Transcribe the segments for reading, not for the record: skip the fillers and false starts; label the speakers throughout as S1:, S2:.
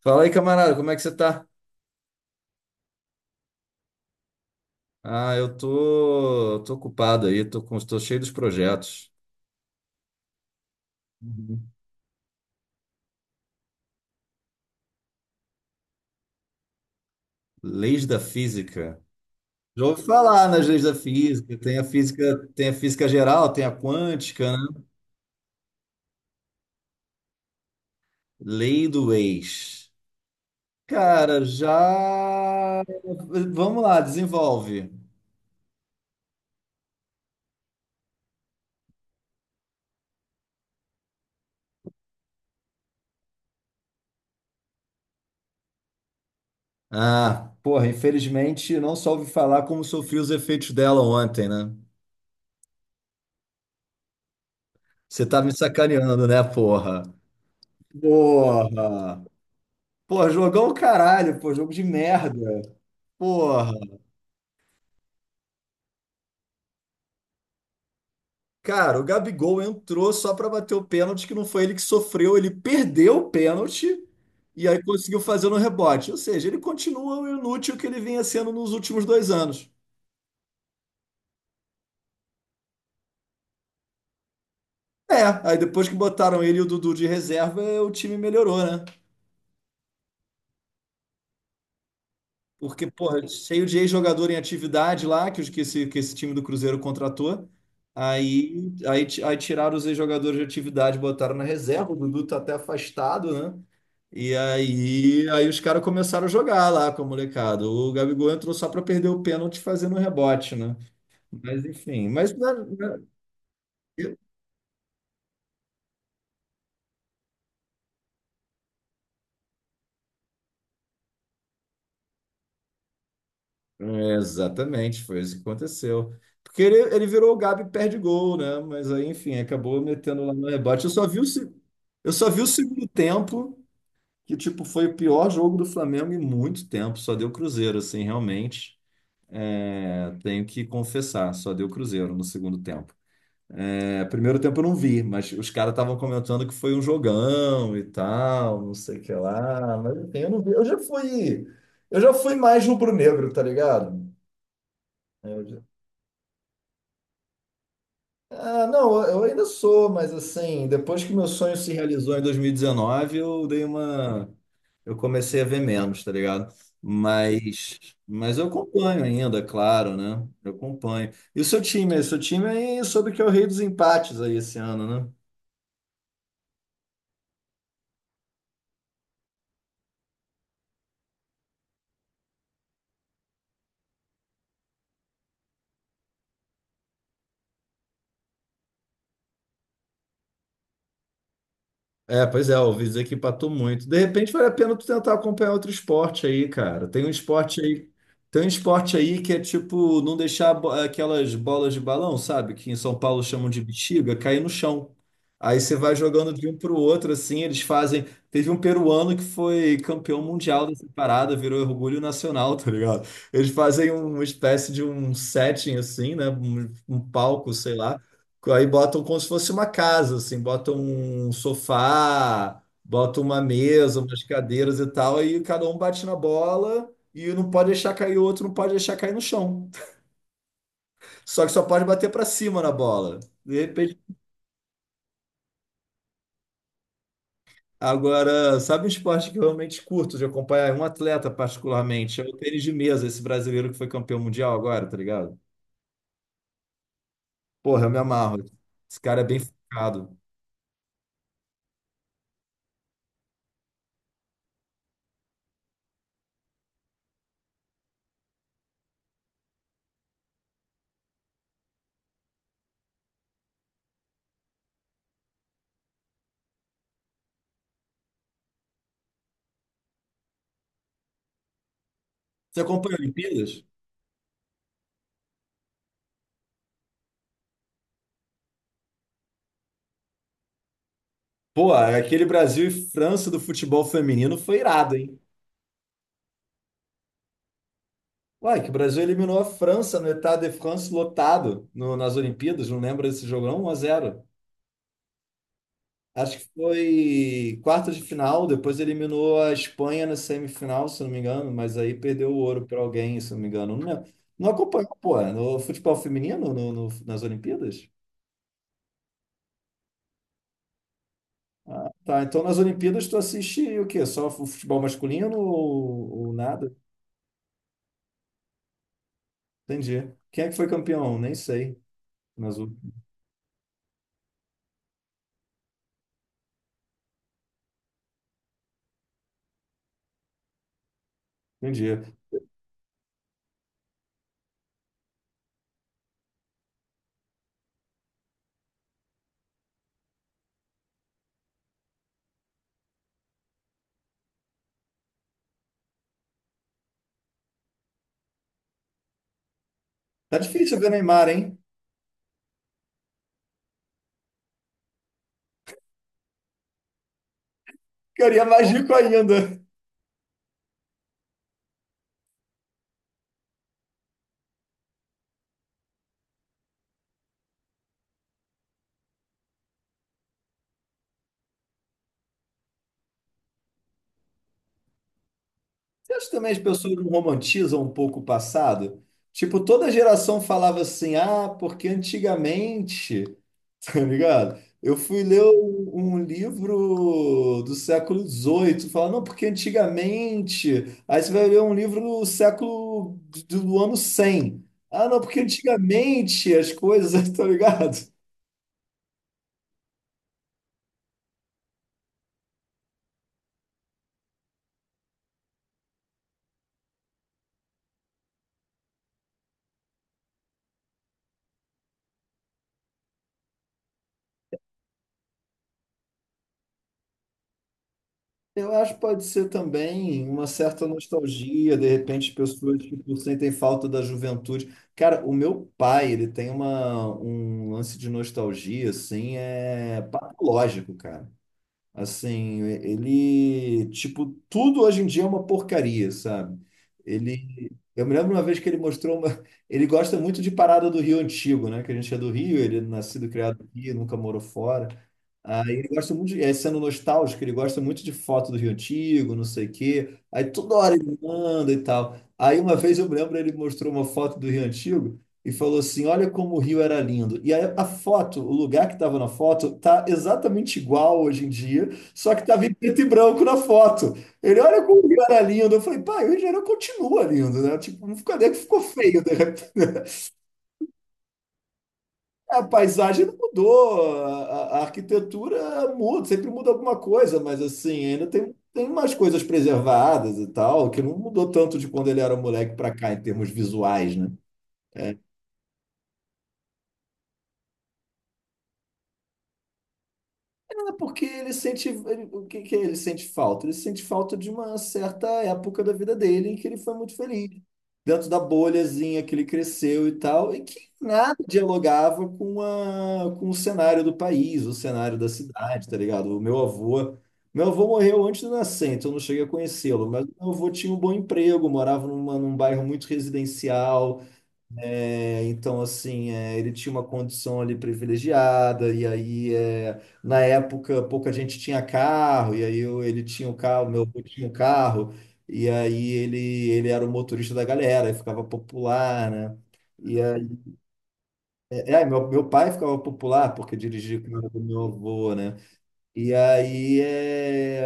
S1: Fala aí, camarada, como é que você tá? Ah, eu tô ocupado aí, tô cheio dos projetos. Uhum. Leis da física. Já ouvi falar nas leis da física. Tem a física, tem a física geral, tem a quântica, né? Lei do ex. Cara, já. Vamos lá, desenvolve. Ah, porra, infelizmente não só ouvi falar como sofri os efeitos dela ontem, né? Você tá me sacaneando, né, porra? Porra! Pô, jogão o caralho, pô, jogo de merda. Porra. Cara, o Gabigol entrou só pra bater o pênalti, que não foi ele que sofreu, ele perdeu o pênalti e aí conseguiu fazer no rebote. Ou seja, ele continua o inútil que ele vinha sendo nos últimos 2 anos. É, aí depois que botaram ele e o Dudu de reserva, o time melhorou, né? Porque, porra, cheio de ex-jogador em atividade lá, que esse time do Cruzeiro contratou. Aí tiraram os ex-jogadores de atividade, botaram na reserva. O Dudu tá até afastado, né? E aí, aí os caras começaram a jogar lá com a molecada. O Gabigol entrou só para perder o pênalti fazendo um rebote, né? Mas enfim, mas né? Exatamente, foi isso que aconteceu. Porque ele virou o Gabi perde gol, né? Mas aí, enfim, acabou metendo lá no rebote. Eu só vi o, se- Eu só vi o segundo tempo, que tipo, foi o pior jogo do Flamengo em muito tempo. Só deu Cruzeiro, assim, realmente. É, tenho que confessar, só deu Cruzeiro no segundo tempo. É, primeiro tempo eu não vi, mas os caras estavam comentando que foi um jogão e tal, não sei o que lá. Mas enfim, eu não vi. Eu já fui mais rubro-negro, tá ligado? Ah, não, eu ainda sou, mas assim, depois que meu sonho se realizou em 2019, eu comecei a ver menos, tá ligado? Mas, mas eu acompanho ainda, é claro, né? Eu acompanho. E o seu time aí soube que é o rei dos empates aí esse ano, né? É, pois é, ouvi dizer que empatou muito. De repente vale a pena tu tentar acompanhar outro esporte aí, cara. Tem um esporte aí que é tipo não deixar aquelas bolas de balão, sabe? Que em São Paulo chamam de bexiga, cair no chão. Aí você vai jogando de um pro outro assim, eles fazem. Teve um peruano que foi campeão mundial dessa parada, virou orgulho nacional, tá ligado? Eles fazem um, uma espécie de um setting assim, né? Um palco, sei lá. Aí botam como se fosse uma casa, assim, botam um sofá, botam uma mesa, umas cadeiras e tal, aí cada um bate na bola e um não pode deixar cair o outro, não pode deixar cair no chão. Só que só pode bater para cima na bola. De repente. Agora, sabe um esporte que eu realmente curto de acompanhar? É um atleta particularmente, é o tênis de mesa, esse brasileiro que foi campeão mundial agora, tá ligado? Porra, eu me amarro. Esse cara é bem focado. Você acompanha Olimpíadas? Pô, aquele Brasil e França do futebol feminino foi irado, hein? Uai, que o Brasil eliminou a França no Stade de France lotado no- nas Olimpíadas, não lembro desse jogo, não? 1x0. Acho que foi quarta de final, depois eliminou a Espanha na semifinal, se não me engano, mas aí perdeu o ouro para alguém, se não me engano. Não, lembro. Não acompanhou, pô, no futebol feminino no- no- nas Olimpíadas? Tá, então nas Olimpíadas tu assiste o quê? Só o futebol masculino ou nada? Entendi. Quem é que foi campeão? Nem sei. Nas um dia. Tá difícil ver Neymar, hein? Ficaria mágico ainda. Você acha também que as pessoas não romantizam um pouco o passado? Tipo, toda geração falava assim, ah, porque antigamente, tá ligado? Eu fui ler um, um livro do século 18, falando, não, porque antigamente. Aí você vai ler um livro do século do, do ano 100, ah, não, porque antigamente as coisas, tá ligado? Eu acho que pode ser também uma certa nostalgia, de repente, as pessoas tipo, sentem falta da juventude. Cara, o meu pai, ele tem uma, um lance de nostalgia, assim, é patológico, cara. Assim, ele, tipo, tudo hoje em dia é uma porcaria, sabe? Ele, eu me lembro uma vez que ele mostrou ele gosta muito de parada do Rio Antigo, né? Que a gente é do Rio, ele é nascido, e criado aqui, nunca morou fora. Aí ele gosta muito, de, é, sendo nostálgico, ele gosta muito de foto do Rio Antigo, não sei o quê. Aí toda hora ele manda e tal. Aí uma vez eu me lembro, ele mostrou uma foto do Rio Antigo e falou assim: olha como o Rio era lindo. E aí a foto, o lugar que estava na foto, tá exatamente igual hoje em dia, só que estava em preto e branco na foto. Ele, olha como o Rio era lindo. Eu falei, pai, o Rio de Janeiro continua lindo, né? Tipo, não ficou, não é que ficou feio, né? A paisagem não mudou, arquitetura muda, sempre muda alguma coisa, mas assim, ainda tem, tem umas coisas preservadas e tal, que não mudou tanto de quando ele era moleque para cá, em termos visuais, né? É porque ele sente, ele- o que que ele sente falta? Ele sente falta de uma certa época da vida dele em que ele foi muito feliz, dentro da bolhazinha que ele cresceu e tal, e que nada dialogava com a, com o cenário do país, o cenário da cidade, tá ligado? O meu avô morreu antes de eu nascer, então eu não cheguei a conhecê-lo, mas meu avô tinha um bom emprego, morava numa, num bairro muito residencial, é, então, assim, é, ele tinha uma condição ali privilegiada, e aí, é, na época, pouca gente tinha carro, e aí ele tinha o carro, meu avô tinha o carro, e aí ele era o motorista da galera, e ficava popular, né? E aí, é, é, meu pai ficava popular porque dirigia o carro do meu avô, né? E aí,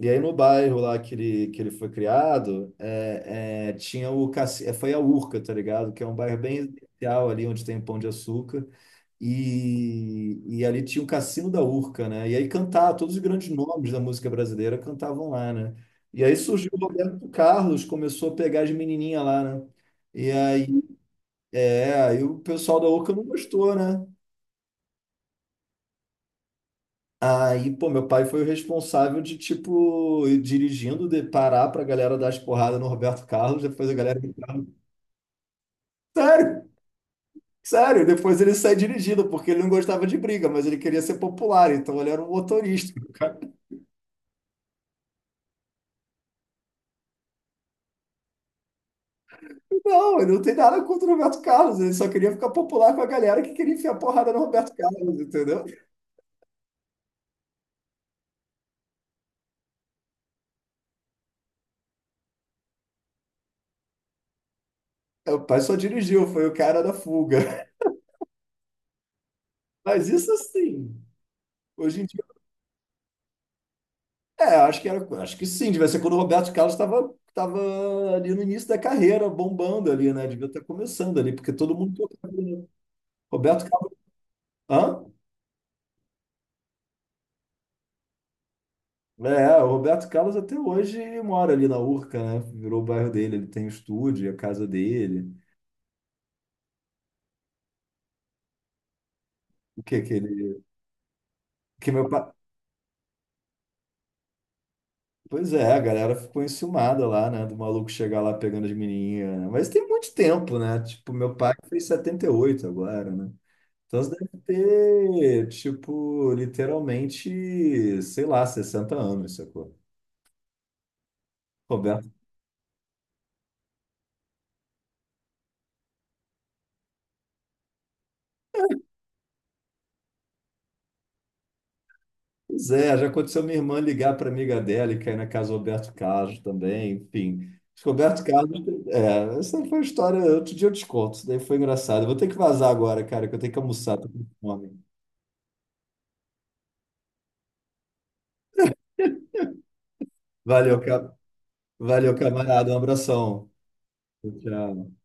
S1: e aí no bairro lá que ele foi criado, é, é, tinha o caci... é, foi a Urca, tá ligado? Que é um bairro bem especial ali, onde tem Pão de Açúcar. E ali tinha o Cassino da Urca, né? E aí cantava, todos os grandes nomes da música brasileira cantavam lá, né? E aí surgiu o Roberto Carlos, começou a pegar as menininhas lá, né? E aí o pessoal da Urca não gostou, né? Aí, pô, meu pai foi o responsável de, tipo, ir dirigindo, de parar pra galera dar as porradas no Roberto Carlos, depois a galera... Sério, sério, depois ele sai dirigindo, porque ele não gostava de briga, mas ele queria ser popular, então ele era um motorista. O cara, não, ele não tem nada contra o Roberto Carlos, ele só queria ficar popular com a galera que queria enfiar porrada no Roberto Carlos, entendeu? Meu pai só dirigiu, foi o cara da fuga. Mas isso assim, hoje em dia é, acho que era, acho que sim, devia ser quando o Roberto Carlos estava ali no início da carreira, bombando ali, né? Devia estar começando ali, porque todo mundo tocava, né? Roberto Carlos. Hã? É, o Roberto Carlos até hoje mora ali na Urca, né? Virou o bairro dele, ele tem o estúdio, a casa dele. O que que ele. Que meu pai. Pois é, a galera ficou enciumada lá, né? Do maluco chegar lá pegando as menininhas, né? Mas tem muito tempo, né? Tipo, meu pai fez 78 agora, né? Então você deve ter, tipo, literalmente, sei lá, 60 anos, sacou? Roberto. Pois é, já aconteceu minha irmã ligar para amiga dela e cair na casa do Roberto Carlos também, enfim. Acho que o Roberto Carlos, é, essa foi uma história, outro dia eu te conto, isso daí foi engraçado. Eu vou ter que vazar agora, cara, que eu tenho que almoçar, tô com fome. Valeu, ca... Valeu, camarada, um abração. Tchau.